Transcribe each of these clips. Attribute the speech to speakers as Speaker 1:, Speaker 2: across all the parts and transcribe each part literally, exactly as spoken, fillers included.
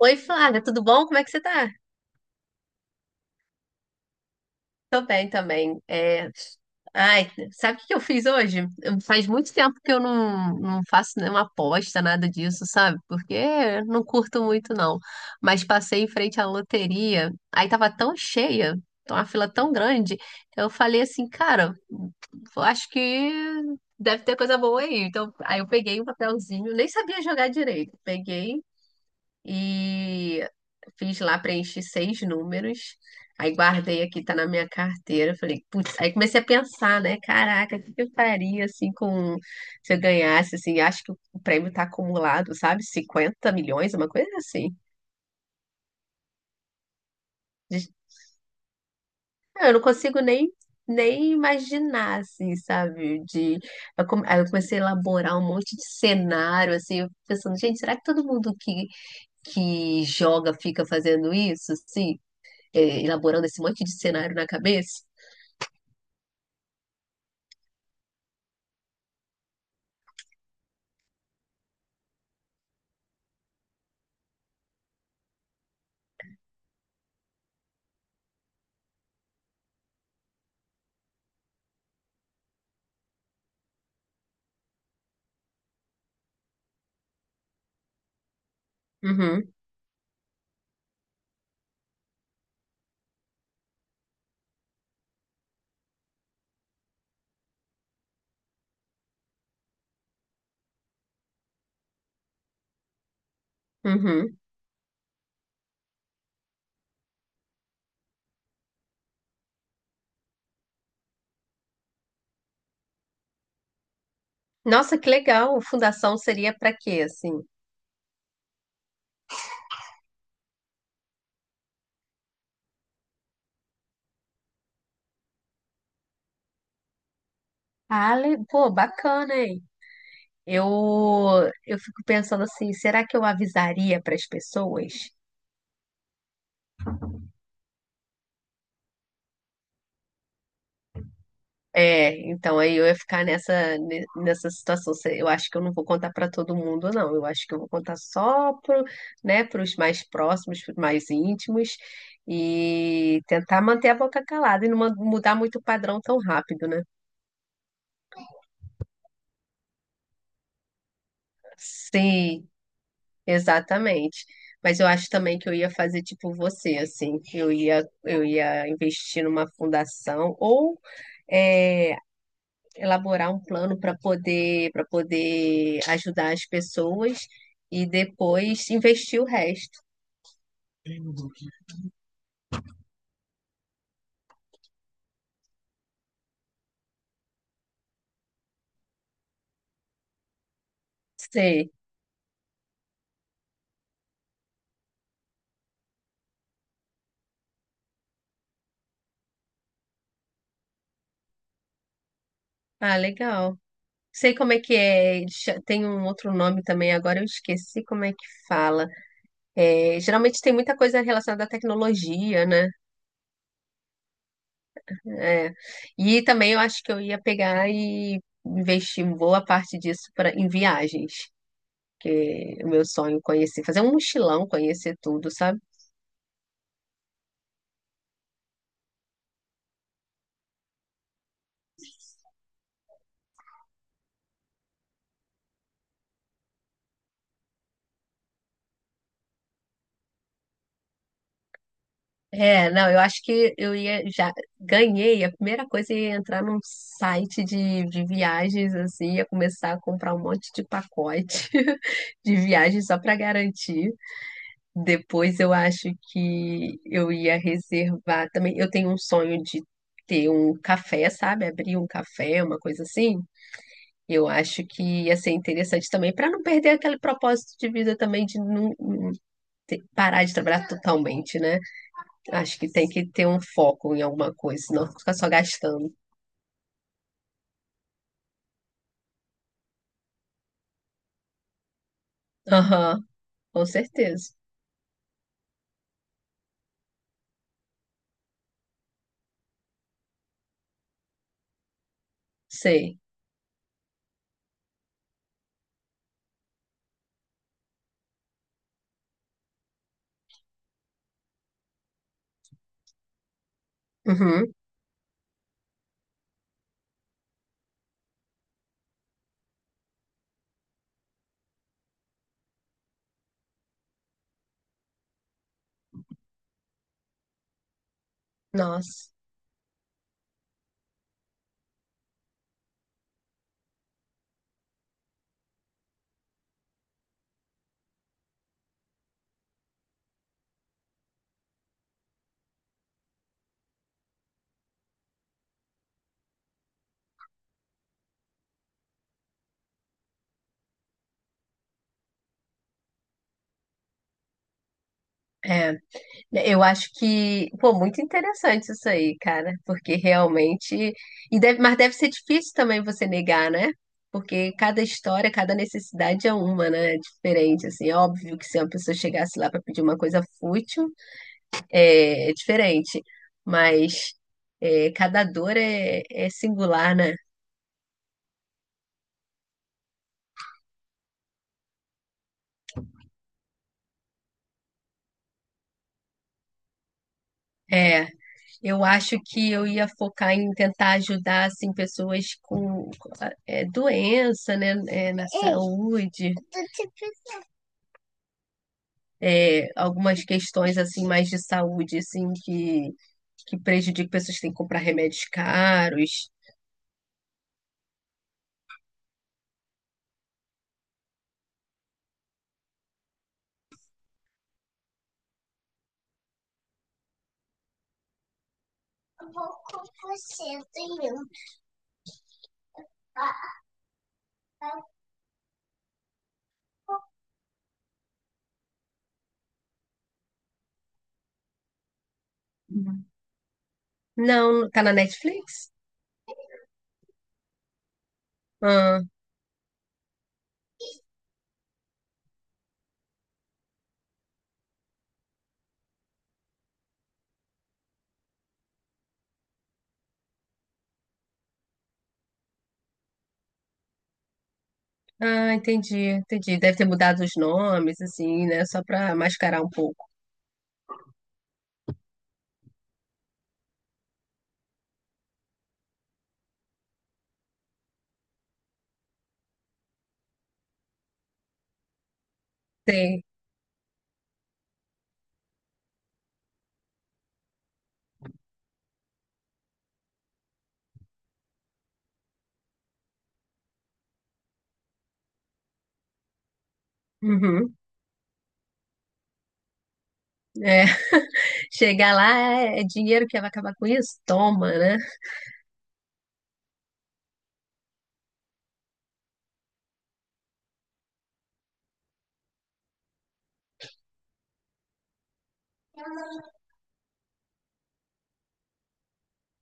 Speaker 1: Oi, Flávia, tudo bom? Como é que você tá? Tô bem também. É, Ai, sabe o que que eu fiz hoje? Eu- Faz muito tempo que eu não, não faço nenhuma aposta, nada disso, sabe? Porque eu não curto muito, não. Mas passei em frente à loteria, aí tava tão cheia, tava uma fila tão grande, eu falei assim, cara, eu acho que deve ter coisa boa aí. Então, aí eu peguei um papelzinho, nem sabia jogar direito. Peguei e fiz lá, preenchi seis números. Aí guardei aqui, tá na minha carteira. Falei, putz, aí comecei a pensar, né? Caraca, o que que eu faria assim com se eu ganhasse, assim, acho que o prêmio tá acumulado, sabe? Cinquenta milhões, uma coisa assim. De- Eu não consigo nem nem imaginar, assim, sabe? De... eu come- Aí eu comecei a elaborar um monte de cenário, assim, eu pensando, gente, será que todo mundo que, que joga fica fazendo isso, assim? É, elaborando esse monte de cenário na cabeça. Uhum, uhum. Nossa, que legal. Fundação seria para quê, assim? Ah, le- pô, bacana, hein? Eu, eu fico pensando assim, será que eu avisaria para as pessoas? É, então aí eu ia ficar nessa, ne- nessa situação. Se- Eu acho que eu não vou contar para todo mundo, não. Eu acho que eu vou contar só pro, né, para os mais próximos, para os mais íntimos, e tentar manter a boca calada e não man- mudar muito o padrão tão rápido, né? Sim. Exatamente. Mas eu acho também que eu ia fazer tipo você, assim, que eu ia, eu ia investir numa fundação ou é, elaborar um plano para poder, para poder ajudar as pessoas e depois investir o resto. Sei. Ah, legal. Sei como é que é. eles cha- Tem um outro nome também, agora eu esqueci como é que fala. É, geralmente tem muita coisa relacionada à tecnologia, né? É. E também eu acho que eu ia pegar e investir boa parte disso pra, em viagens, que é o meu sonho conhecer, fazer um mochilão, conhecer tudo, sabe? É, não, eu acho que eu ia já ganhei, a primeira coisa ia entrar num site de, de viagens assim, ia começar a comprar um monte de pacote de viagens só pra garantir. Depois eu acho que eu ia reservar também. Eu tenho um sonho de ter um café, sabe? Abrir um café, uma coisa assim. Eu acho que ia ser interessante também, para não perder aquele propósito de vida também, de não não ter- parar de trabalhar totalmente, né? Acho que tem que ter um foco em alguma coisa, senão fica só gastando. Aham, com certeza. Sei. Uhum. Nossa. É. Eu acho que, pô, muito interessante isso aí, cara, porque realmente, e deve, mas deve ser difícil também você negar, né? Porque cada história, cada necessidade é uma, né? É diferente, assim, é óbvio que se uma pessoa chegasse lá para pedir uma coisa fútil, é, é diferente, mas é, cada dor é, é singular, né? É, eu acho que eu ia focar em tentar ajudar, assim, pessoas com, é, doença, né? É, na Ei, saúde. É, algumas questões assim mais de saúde assim que que prejudica pessoas que têm que comprar remédios caros. Uhum. Não, tá na Netflix? Ah, ah, entendi, entendi. Deve ter mudado os nomes, assim, né? Só pra mascarar um pouco. Tem. Uhum. É. Chegar lá é é dinheiro que vai acabar com isso? Toma, né?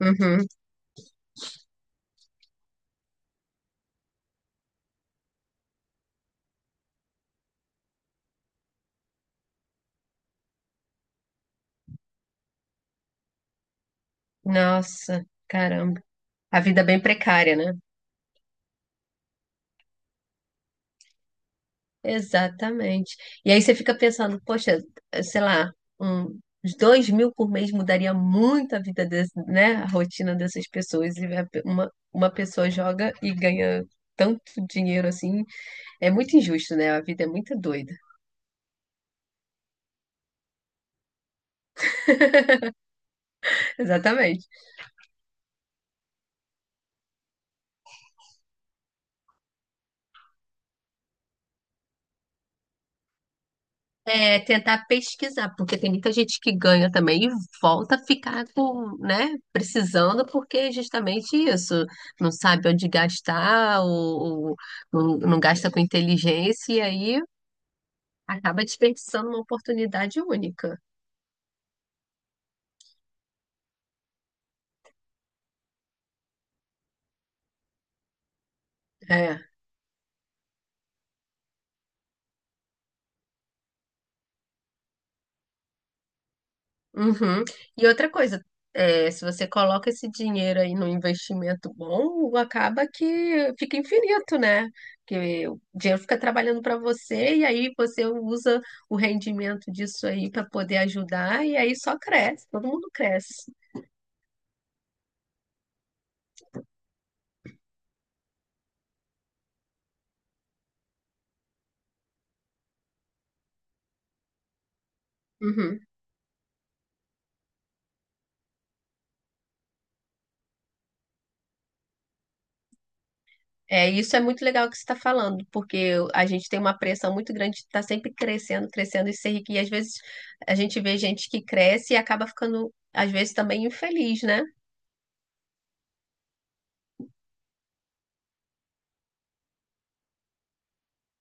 Speaker 1: Uhum. Nossa, caramba. A vida é bem precária, né? Exatamente. E aí você fica pensando, poxa, sei lá, um, uns dois mil por mês mudaria muito a vida desse, né, a rotina dessas pessoas. E a pe- uma, uma pessoa joga e ganha tanto dinheiro assim. É muito injusto, né? A vida é muito doida. Exatamente. É tentar pesquisar, porque tem muita gente que ganha também e volta a ficar com, né, precisando, porque é justamente isso. Não sabe onde gastar, ou, ou não, não gasta com inteligência, e aí acaba desperdiçando uma oportunidade única. É. Uhum. E outra coisa, é, se você coloca esse dinheiro aí no investimento bom, acaba que fica infinito, né? Porque o dinheiro fica trabalhando para você e aí você usa o rendimento disso aí para poder ajudar e aí só cresce, todo mundo cresce. Uhum. É, isso é muito legal que você está falando, porque a gente tem uma pressão muito grande de estar sempre crescendo, crescendo e ser rico. E às vezes a gente vê gente que cresce e acaba ficando, às vezes, também infeliz, né?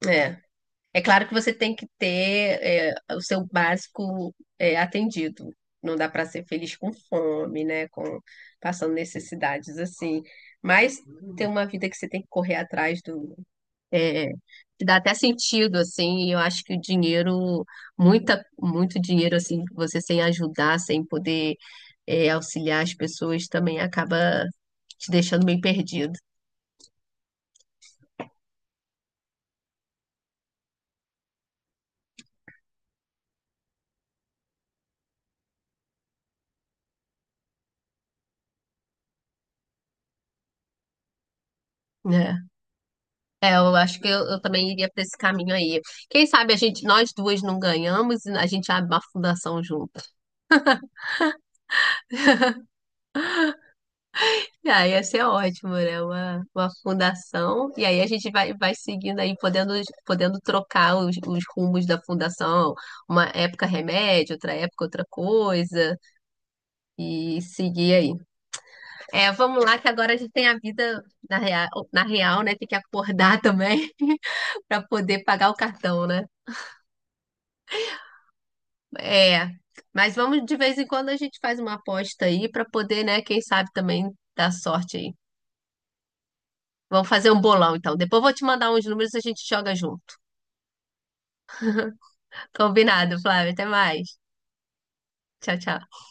Speaker 1: É. É claro que você tem que ter, é, o seu básico, é, atendido. Não dá para ser feliz com fome, né? Com, passando necessidades assim. Mas tem uma vida que você tem que correr atrás do, É, que dá até sentido, assim, e eu acho que o dinheiro, muita, muito dinheiro, assim, você sem ajudar, sem poder, é, auxiliar as pessoas, também acaba te deixando bem perdido, né? É, eu acho que eu, eu também iria para esse caminho aí. Quem sabe a gente, nós duas não ganhamos e a gente abre uma fundação junto. Ah, ia ser ótimo, né? Uma, uma fundação. E aí a gente vai, vai seguindo aí, podendo, podendo trocar os, os rumos da fundação. Uma época remédio, outra época outra coisa. E seguir aí. É, vamos lá, que agora a gente tem a vida na real, na real, né? Tem que acordar também para poder pagar o cartão, né? É. Mas vamos, de vez em quando, a gente faz uma aposta aí para poder, né? Quem sabe também dar sorte aí. Vamos fazer um bolão, então. Depois eu vou te mandar uns números e a gente joga junto. Combinado, Flávia. Até mais. Tchau, tchau.